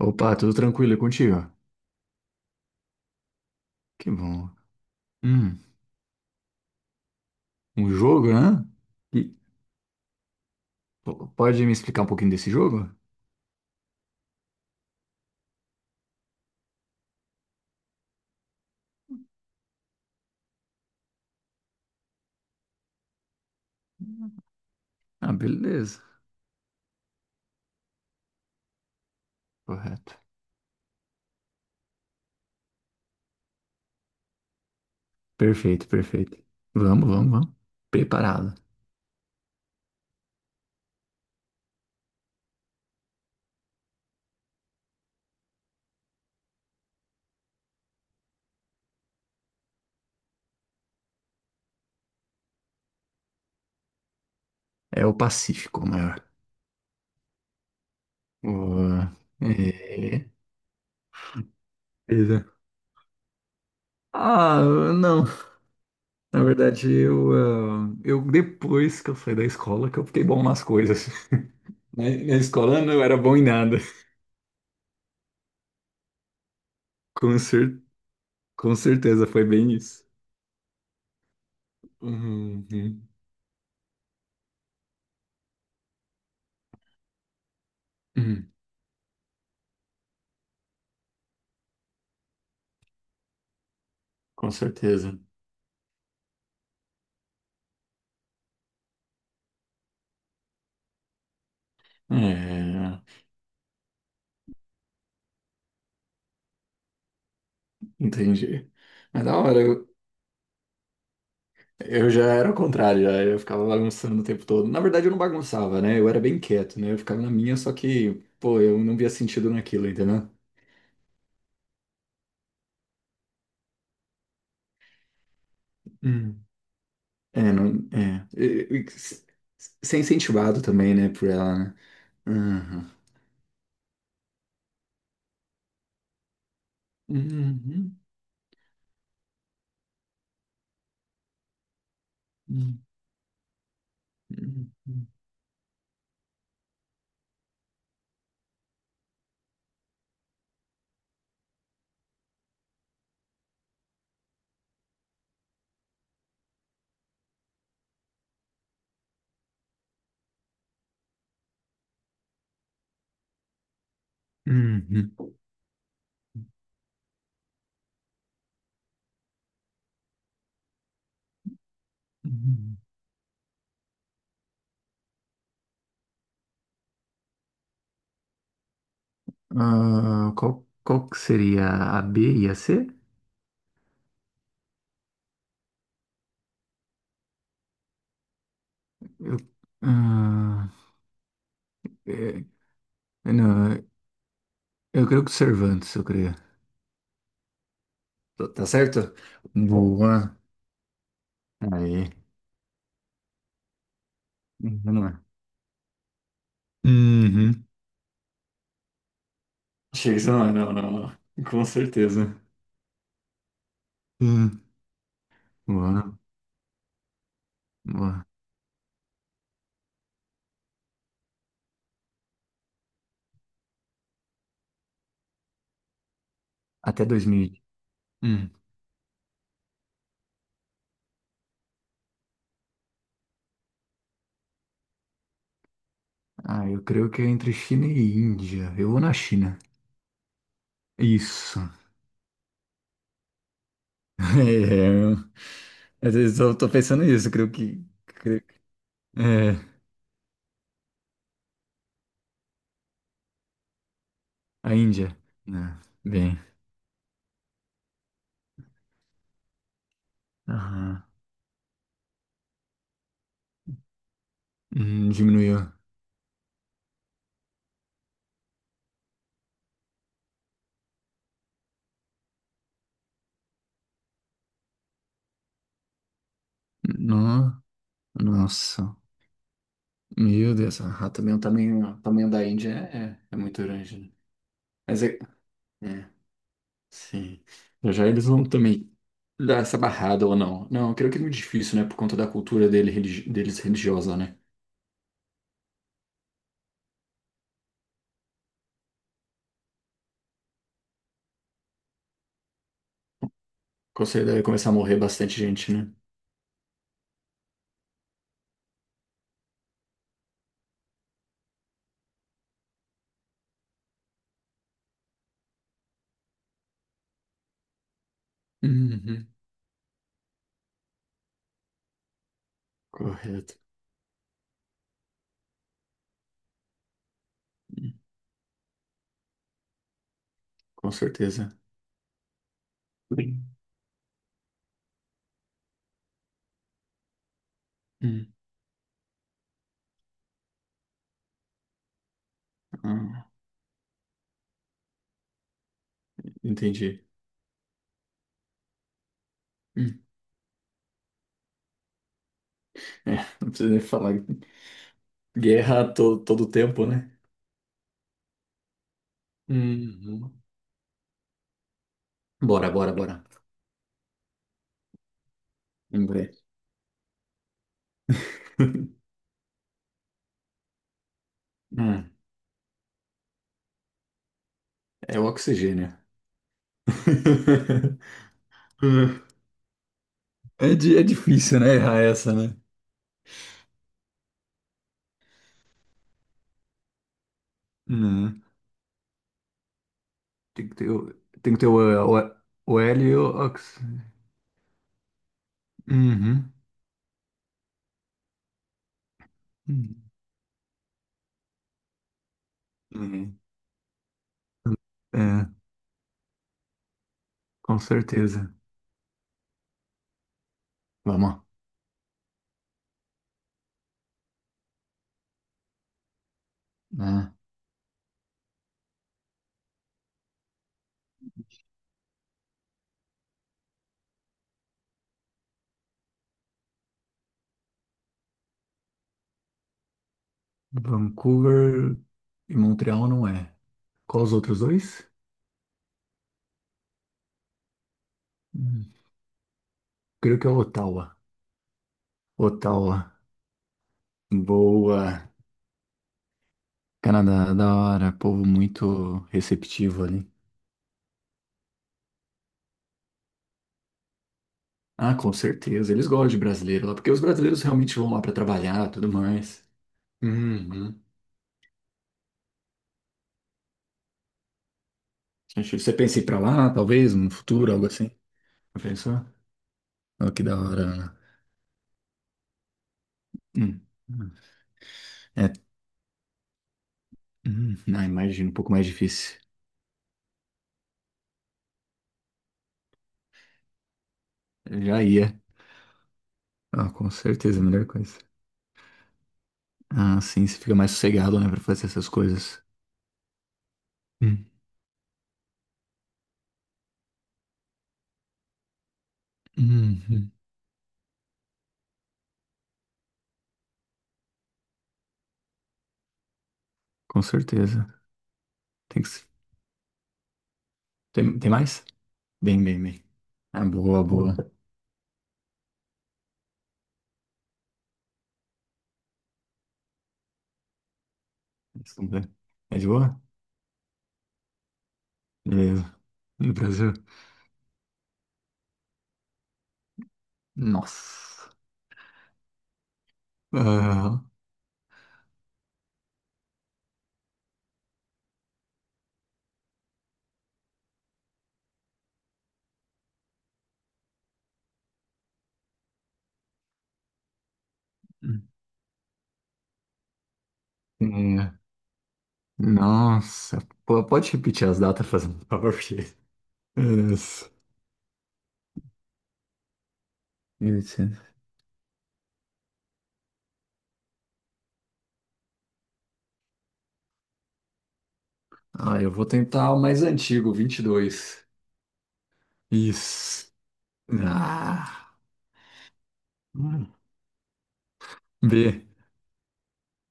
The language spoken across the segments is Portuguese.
Opa, tudo tranquilo e contigo? Que bom. Hum, um jogo, né? E pode me explicar um pouquinho desse jogo? Ah, beleza. Correto. Perfeito, perfeito. Vamos, vamos, vamos. Preparado. É o Pacífico o maior. O- é- Beleza. Ah, não. Na verdade, eu depois que eu saí da escola que eu fiquei bom nas coisas. Na escola eu não era bom em nada. Com cer- com certeza foi bem isso. Uhum. Hum, com certeza. É, entendi. Mas da hora, eu já era o contrário, já, eu ficava bagunçando o tempo todo. Na verdade, eu não bagunçava, né? Eu era bem quieto, né? Eu ficava na minha, só que, pô, eu não via sentido naquilo, entendeu? Hum. É, não, é. Ser incentivado também, né, por ela, né? Uhum. Uhum. Uhum. Uhum. Uhum. Uhum. Ah, qual, qual que seria a B e a C? Eu, ah, é, Não, eu creio que Cervantes, eu creio. Tá certo? Boa. Aí. Não é. Uhum. Shakespeare não é, não, não, não. Com certeza. Hum, boa, boa. Até 2000. Hum. Ah, eu creio que é entre China e Índia. Eu vou na China. Isso. É, eu- às vezes eu tô pensando nisso, É, a Índia. Né? Bem. Aham. Diminuiu. No, nossa. Meu Deus, ah, também o tamanho da Índia é muito grande, né? Mas é, é, sim. Já já eles vão também dar essa barrada ou não. Não, eu creio que é muito difícil, né? Por conta da cultura dele, deles religiosa, né? Com certeza deve começar a morrer bastante gente, né? Uhum. Correto. Hum, Com certeza. Sim. Hum, ah, entendi. Hum, É, não precisa nem falar. Todo tempo, né? Uhum. Bora, bora, bora. Lembrei. Hum, é o oxigênio. É difícil, né? Errar essa, né? Né? Tem que ter, o- tem que ter o, o L e o Ox. Uhum. Hum. Uhum. É, com certeza. Vamos. Lá. Vancouver e Montreal não é. Qual os outros dois? Hum. Creio que é Ottawa. Ottawa. Boa. Canadá, da hora. Povo muito receptivo ali. Ah, com certeza. Eles gostam de brasileiro lá, porque os brasileiros realmente vão lá para trabalhar, tudo mais. Uhum. Acho que você pensa em ir para lá, talvez, no futuro, algo assim? Já pensou? Oh, que da hora, Ana. Hum. É, ah, imagino, um pouco mais difícil. Eu já ia. Ah, com certeza, a melhor coisa. Ah, sim, você fica mais sossegado, né, pra fazer essas coisas. Hum. Uhum. Com certeza. Tem que... se- Tem, tem mais? Bem, bem, bem. Ah, boa, boa. Isso né? É de boa? Beleza. No Brasil? Nossa. Aham. Hum. É. Nossa. Pô, pode repetir as datas, fazendo um favor? Nossa. Isso. Ah, eu vou tentar o mais antigo, vinte e dois. Isso. Ah. Hum. B.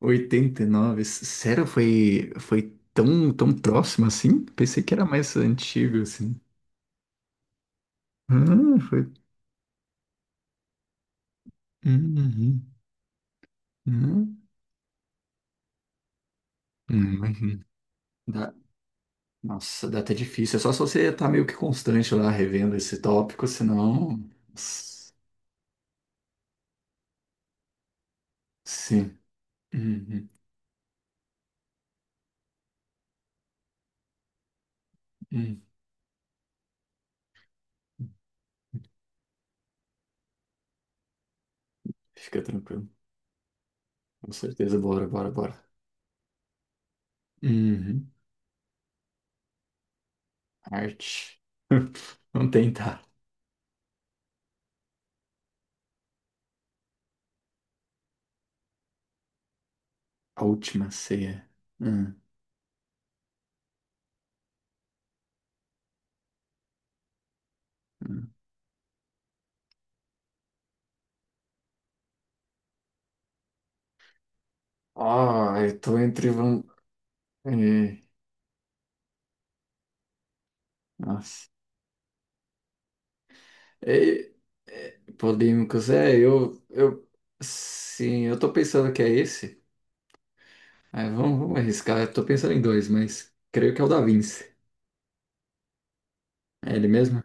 89. Sério, foi, foi tão, tão próximo assim? Pensei que era mais antigo assim. Ah, foi. Uhum. Uhum. Uhum. Imagina. Nossa, dá até difícil. É só se você tá meio que constante lá revendo esse tópico, senão. s- Sim. Uhum, uhum. Fica tranquilo. Com certeza. Bora, bora, bora. Uhum. Arte. Vamos tentar. A última ceia. Hum, hum. Ah, eu tô entre. Van- eh, Nossa. Eh, polêmicos. É, eu, eu. Sim, eu tô pensando que é esse. Ah, vamos, vamos arriscar. Eu tô pensando em dois, mas creio que é o da Vinci. É ele mesmo?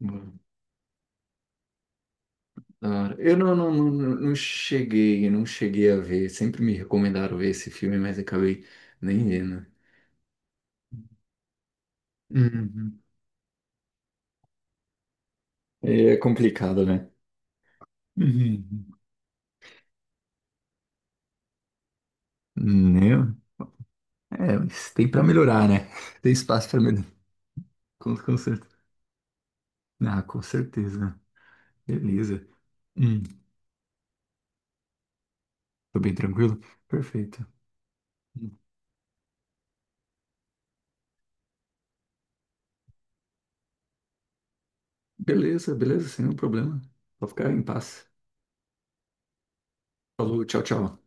Boa. Da hora. Eu não, não, não, não cheguei, não cheguei a ver. Sempre me recomendaram ver esse filme, mas acabei nem vendo. Uhum. É complicado, né? Uhum. Não. É, mas tem pra melhorar, né? Tem espaço pra melhorar. Com certeza. Ah, com certeza. Beleza. Hum. Tô bem tranquilo? Perfeito. Beleza, beleza, sem nenhum problema. Vou ficar em paz. Falou, tchau, tchau.